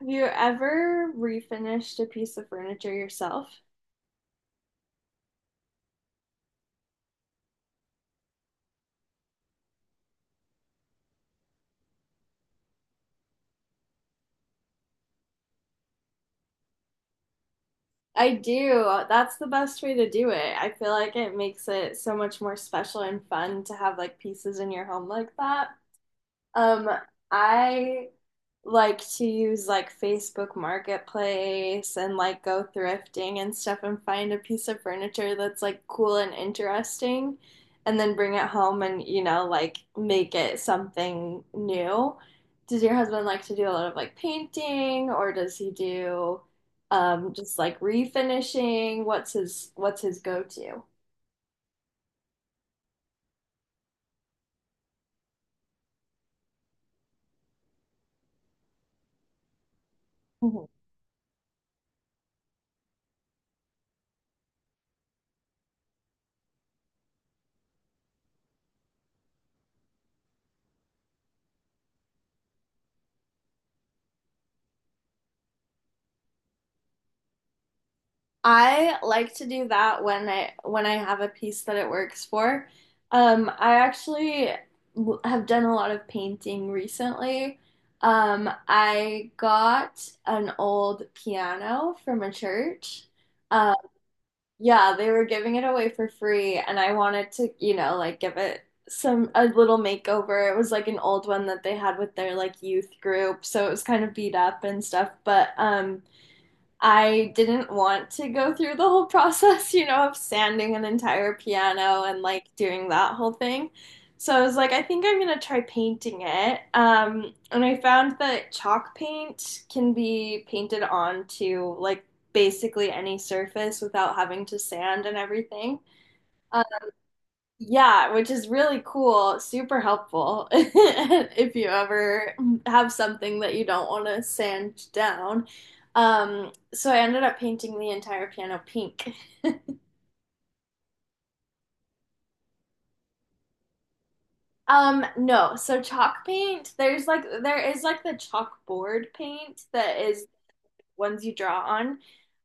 Have you ever refinished a piece of furniture yourself? I do. That's the best way to do it. I feel like it makes it so much more special and fun to have like pieces in your home like that. Um, I like to use like Facebook Marketplace and like go thrifting and stuff and find a piece of furniture that's like cool and interesting, and then bring it home and like make it something new. Does your husband like to do a lot of like painting, or does he do just like refinishing? What's his go-to? I like to do that when I have a piece that it works for. I actually have done a lot of painting recently. I got an old piano from a church. Um, yeah, they were giving it away for free, and I wanted to, like give it some a little makeover. It was like an old one that they had with their like youth group, so it was kind of beat up and stuff, but I didn't want to go through the whole process, of sanding an entire piano and like doing that whole thing. So I was like, I think I'm gonna try painting it. And I found that chalk paint can be painted onto like basically any surface without having to sand and everything. Yeah, which is really cool, super helpful if you ever have something that you don't want to sand down. So I ended up painting the entire piano pink. No, so chalk paint, there's like there is like the chalkboard paint that is ones you draw on.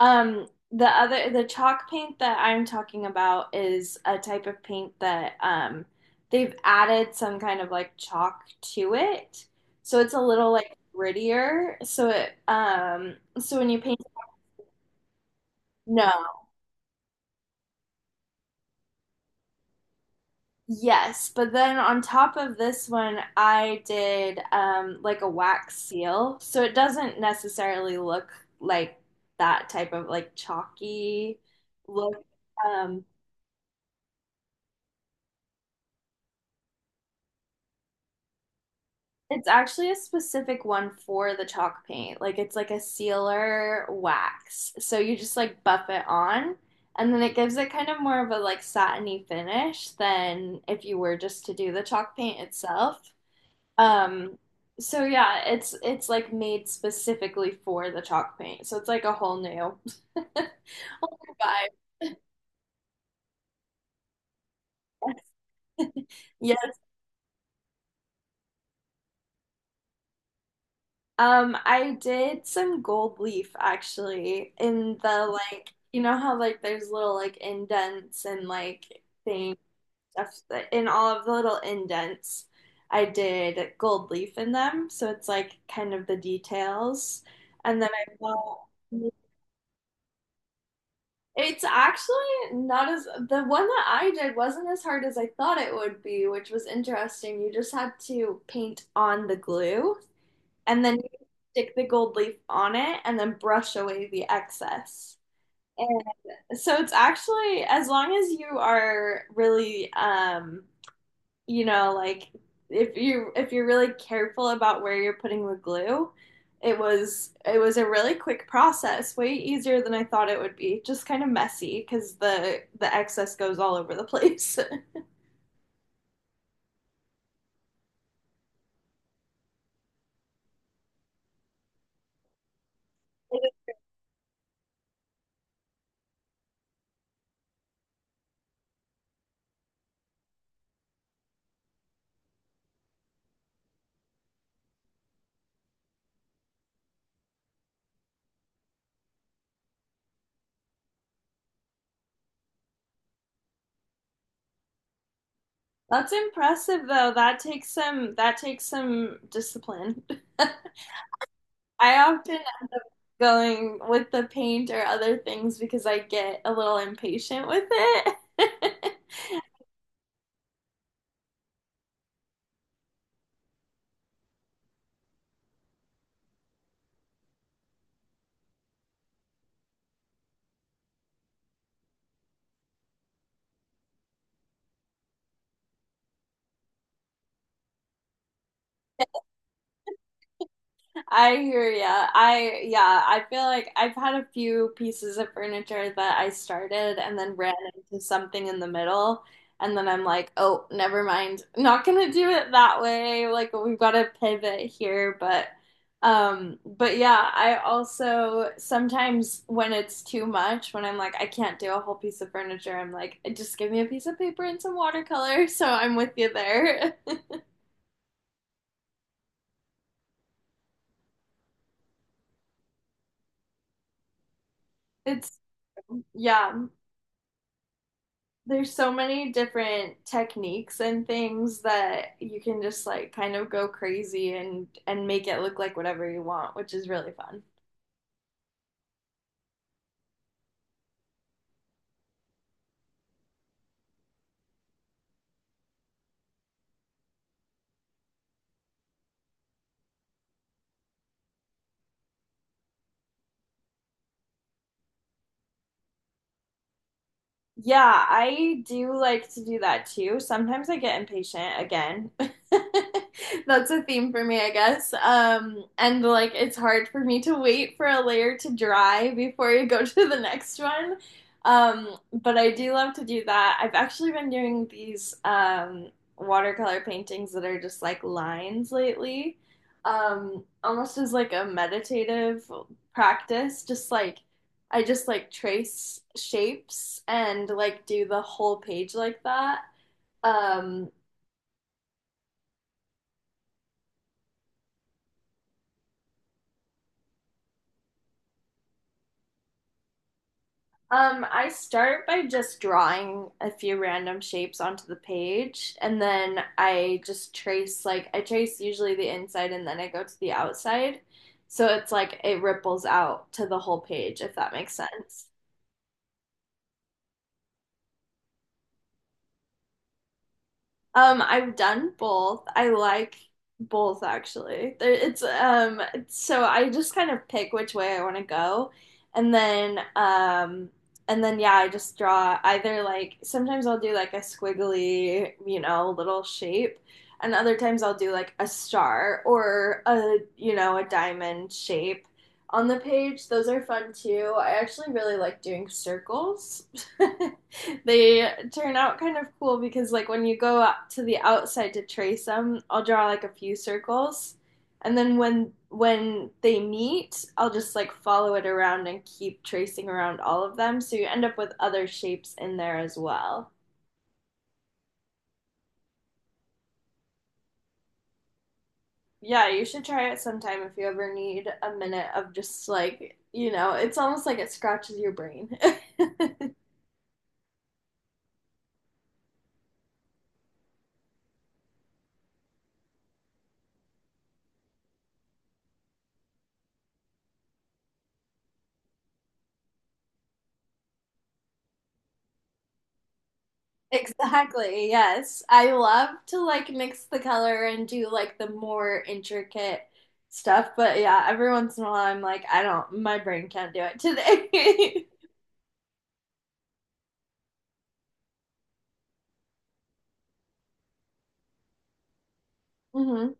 The other, the chalk paint that I'm talking about is a type of paint that they've added some kind of like chalk to it. So it's a little like grittier. So it, so when you paint, no, yes. But then on top of this one, I did like a wax seal. So it doesn't necessarily look like that type of like chalky look. Um, It's actually a specific one for the chalk paint. Like it's like a sealer wax. So you just like buff it on, and then it gives it kind of more of a like satiny finish than if you were just to do the chalk paint itself. Um so yeah, it's like made specifically for the chalk paint. So it's like a whole new vibe. Yeah. I did some gold leaf actually in the like you know how like there's little like indents and like things in all of the little indents I did gold leaf in them, so it's like kind of the details, and then I bought it's actually not as the one that I did wasn't as hard as I thought it would be, which was interesting. You just had to paint on the glue and then you stick the gold leaf on it and then brush away the excess. And so it's actually, as long as you are really like, if you if you're really careful about where you're putting the glue, it was a really quick process, way easier than I thought it would be. Just kind of messy because the excess goes all over the place. That's impressive though. That takes some discipline. I often going with the paint or other things because I get a little impatient with it. I hear ya. I yeah, I feel like I've had a few pieces of furniture that I started and then ran into something in the middle, and then I'm like, oh, never mind. Not gonna do it that way. Like we've got to pivot here, but yeah, I also sometimes when it's too much, when I'm like, I can't do a whole piece of furniture, I'm like, just give me a piece of paper and some watercolor. So I'm with you there. It's yeah. There's so many different techniques and things that you can just like kind of go crazy and make it look like whatever you want, which is really fun. Yeah, I do like to do that too. Sometimes I get impatient again. That's a theme for me, I guess. And like it's hard for me to wait for a layer to dry before you go to the next one. But I do love to do that. I've actually been doing these watercolor paintings that are just like lines lately. Almost as like a meditative practice, just like I just like trace shapes and like do the whole page like that. Um, I start by just drawing a few random shapes onto the page, and then I just trace like I trace usually the inside and then I go to the outside. So it's like it ripples out to the whole page, if that makes sense. I've done both. I like both actually. It's, so I just kind of pick which way I want to go, and then um, and then yeah, I just draw either like sometimes I'll do like a squiggly, you know, little shape, and other times I'll do like a star or a you know a diamond shape on the page. Those are fun too. I actually really like doing circles. They turn out kind of cool because, like, when you go out to the outside to trace them, I'll draw like a few circles, and then when they meet, I'll just like follow it around and keep tracing around all of them, so you end up with other shapes in there as well. Yeah, you should try it sometime if you ever need a minute of just like, you know, it's almost like it scratches your brain. Exactly. Yes. I love to like mix the color and do like the more intricate stuff, but yeah, every once in a while I'm like, I don't, my brain can't do it today. hmm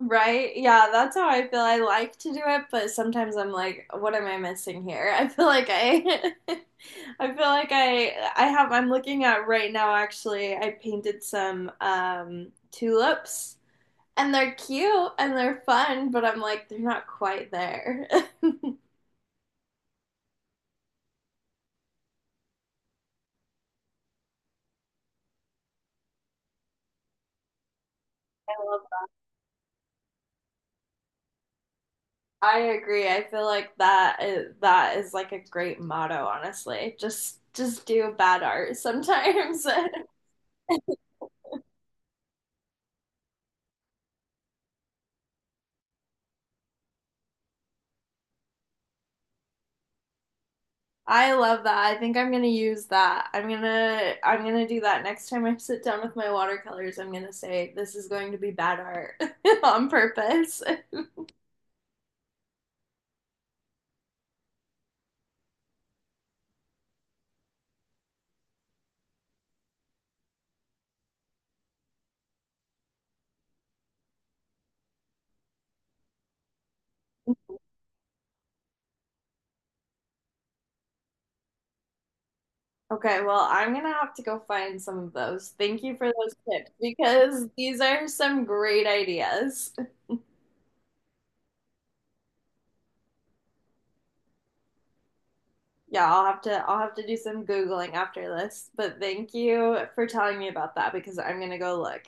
Right? Yeah, that's how I feel. I like to do it, but sometimes I'm like, what am I missing here? I feel like I I feel like I have I'm looking at right now actually. I painted some tulips, and they're cute and they're fun, but I'm like, they're not quite there. I love that. I agree. I feel like that is like a great motto, honestly. Just do bad art sometimes. I love that. I think I'm gonna use that. I'm gonna do that next time I sit down with my watercolors. I'm gonna say this is going to be bad art on purpose. Okay, well I'm gonna have to go find some of those. Thank you for those tips because these are some great ideas. Yeah, I'll have to do some Googling after this, but thank you for telling me about that because I'm gonna go look.